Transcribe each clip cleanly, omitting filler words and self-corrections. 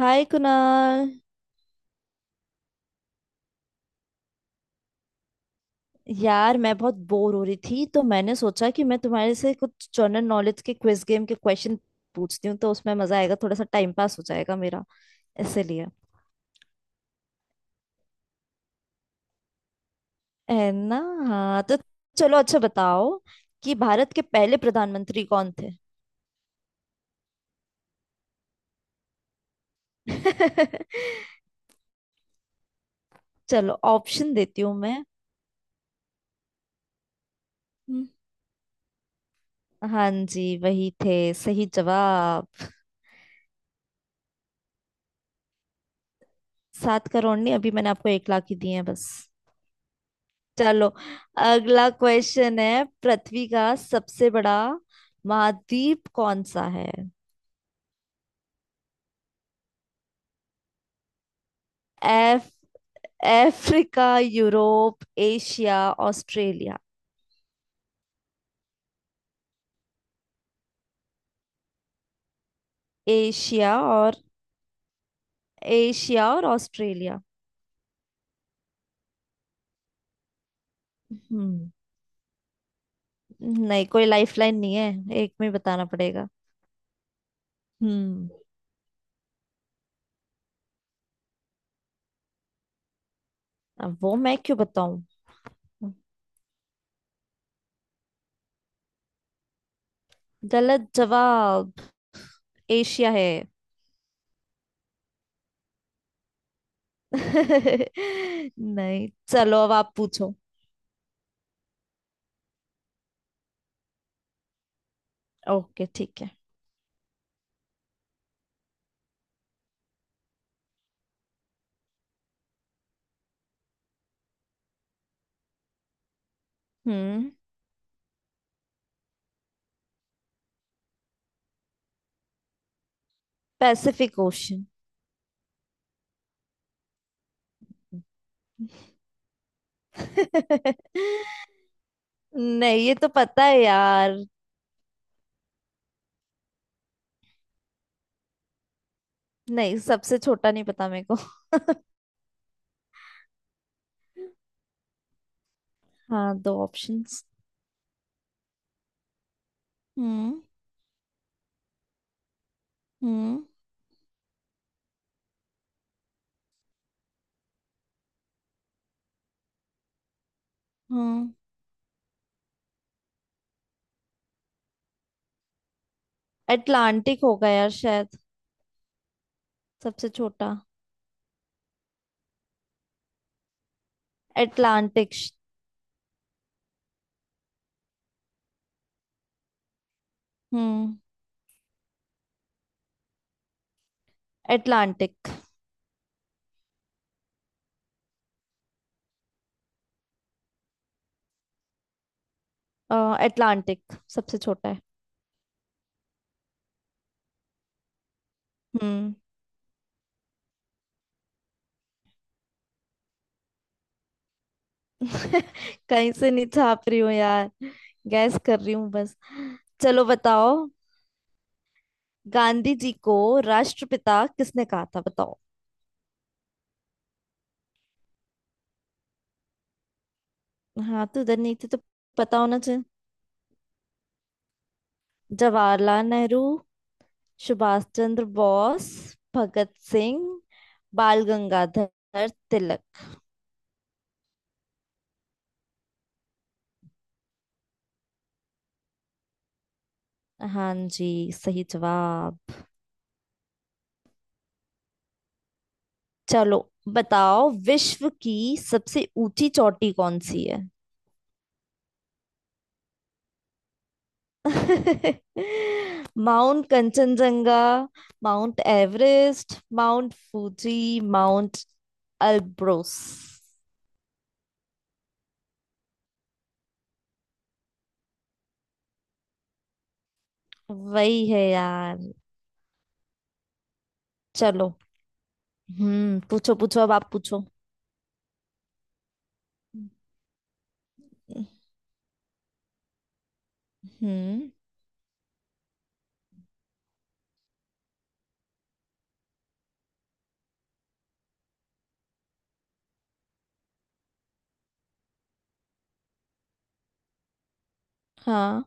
हाय कुणाल। यार मैं बहुत बोर हो रही थी तो मैंने सोचा कि मैं तुम्हारे से कुछ जनरल नॉलेज के क्विज गेम के क्वेश्चन पूछती हूँ तो उसमें मजा आएगा, थोड़ा सा टाइम पास हो जाएगा मेरा, इसलिए। है ना? हाँ तो चलो, अच्छा बताओ कि भारत के पहले प्रधानमंत्री कौन थे? चलो ऑप्शन देती हूँ मैं। हम्म, हाँ जी वही थे, सही जवाब। 7 करोड़ नहीं, अभी मैंने आपको 1 लाख ही दिए हैं बस। चलो, अगला क्वेश्चन है, पृथ्वी का सबसे बड़ा महाद्वीप कौन सा है? एफ, Africa, Europe, Asia, Australia. Asia और एशिया और ऑस्ट्रेलिया। हम्म। नहीं, कोई लाइफलाइन नहीं है, एक में ही बताना पड़ेगा। हम्म। अब वो मैं क्यों बताऊं? गलत जवाब, एशिया है। नहीं चलो, अब आप पूछो। ओके, ठीक है। हम्म। Pacific ocean. नहीं, ये तो पता है यार। नहीं, सबसे छोटा नहीं पता मेरे को। हाँ, दो ऑप्शंस। हम्म। हम्म। हम्म। अटलांटिक होगा यार शायद। सबसे छोटा अटलांटिक। हम्म। अटलांटिक। अटलांटिक सबसे छोटा है। हम्म। कहीं से नहीं छाप रही हूँ यार, गैस कर रही हूँ बस। चलो बताओ, गांधी जी को राष्ट्रपिता किसने कहा था? बताओ। हाँ तो उधर नहीं थे तो पता होना चाहिए। जवाहरलाल नेहरू, सुभाष चंद्र बोस, भगत सिंह, बाल गंगाधर तिलक। हाँ जी, सही जवाब। चलो बताओ, विश्व की सबसे ऊंची चोटी कौन सी है? Mount Kanchenjunga, Mount Everest, Mount Fuji, Mount Elbrus. वही है यार। चलो। हम्म, पूछो पूछो, अब आप पूछो। हम्म। हाँ।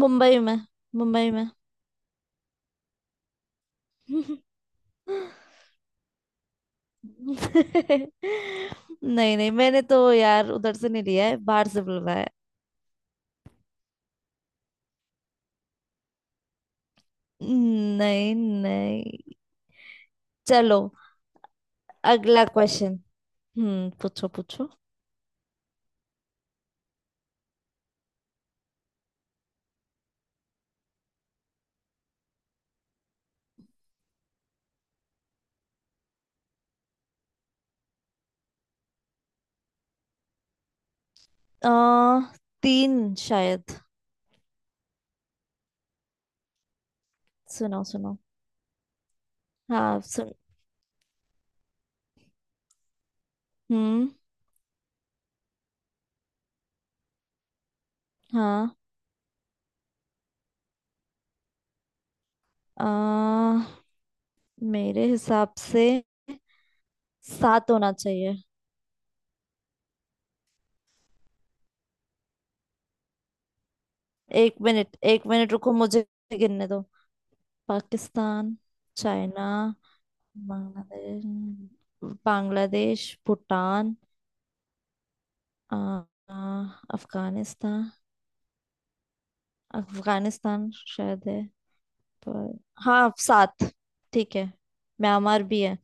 मुंबई में, मुंबई में। नहीं नहीं, मैंने तो यार उधर से नहीं लिया है, बाहर से बुलवाया है। नहीं नहीं। चलो, अगला क्वेश्चन। हम्म, पूछो पूछो। आ, तीन शायद। सुनो सुनो। हाँ सुन। हम्म। हाँ। आ, मेरे हिसाब से सात होना चाहिए। एक मिनट, एक मिनट, रुको मुझे गिनने दो। पाकिस्तान, चाइना, बांग्लादेश, बांग्लादेश, भूटान, आ, आ, अफगानिस्तान। अफगानिस्तान शायद है। पर हाँ, सात। ठीक है, म्यांमार भी है।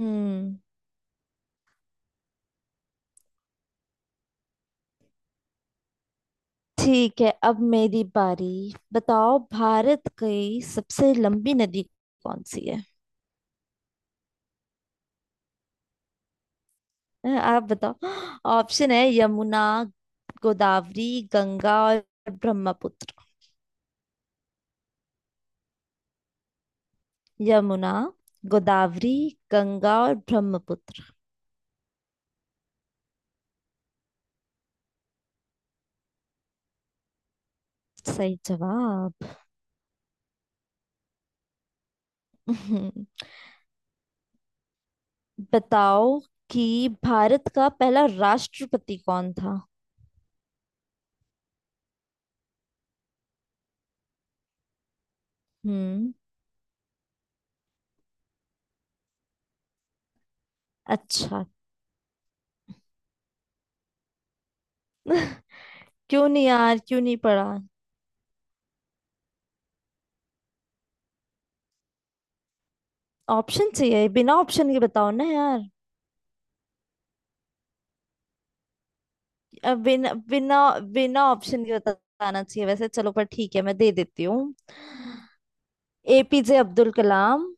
हम्म। ठीक है, अब मेरी बारी। बताओ, भारत की सबसे लंबी नदी कौन सी है? आप बताओ। ऑप्शन है, यमुना, गोदावरी, गंगा और ब्रह्मपुत्र। यमुना, गोदावरी, गंगा और ब्रह्मपुत्र। सही जवाब। बताओ कि भारत का पहला राष्ट्रपति कौन था? हम्म। अच्छा। क्यों नहीं यार, क्यों नहीं पढ़ा? ऑप्शन चाहिए? बिना ऑप्शन के बताओ ना यार। अब बिना बिना बिना ऑप्शन के बताना चाहिए वैसे, चलो पर ठीक है, मैं दे देती हूँ। एपीजे अब्दुल कलाम,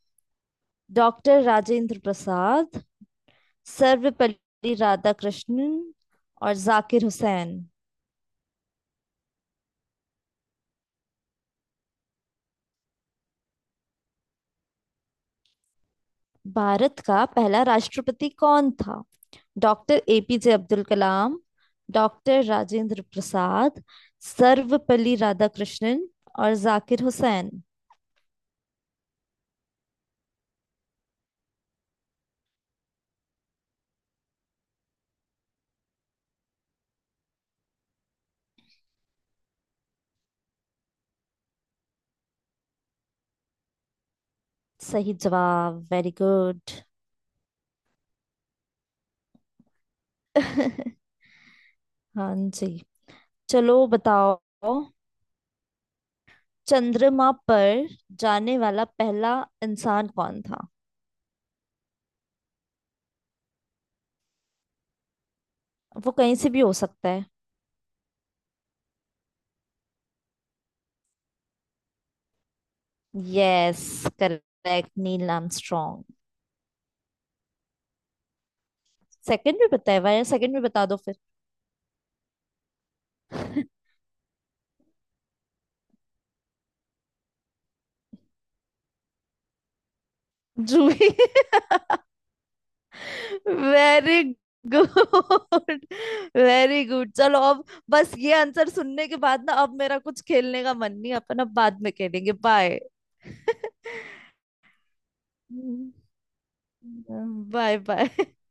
डॉक्टर राजेंद्र प्रसाद, सर्वपल्ली राधाकृष्णन और जाकिर हुसैन। भारत का पहला राष्ट्रपति कौन था? Doctor APJ Abdul Kalam, doctor Rajendra Prasad, Sarvepalli Radhakrishnan और जाकिर हुसैन। सही जवाब, वेरी गुड। हाँ जी, चलो बताओ, चंद्रमा पर जाने वाला पहला इंसान कौन था? वो कहीं से भी हो सकता है। Yes, correct, Neil Armstrong. Second भी बताया हुआ है, सेकंड भी बता दो फिर। जूही, वेरी गुड, वेरी गुड। चलो अब, बस ये आंसर सुनने के बाद ना अब मेरा कुछ खेलने का मन नहीं। अपन अब बाद में खेलेंगे। बाय। Bye bye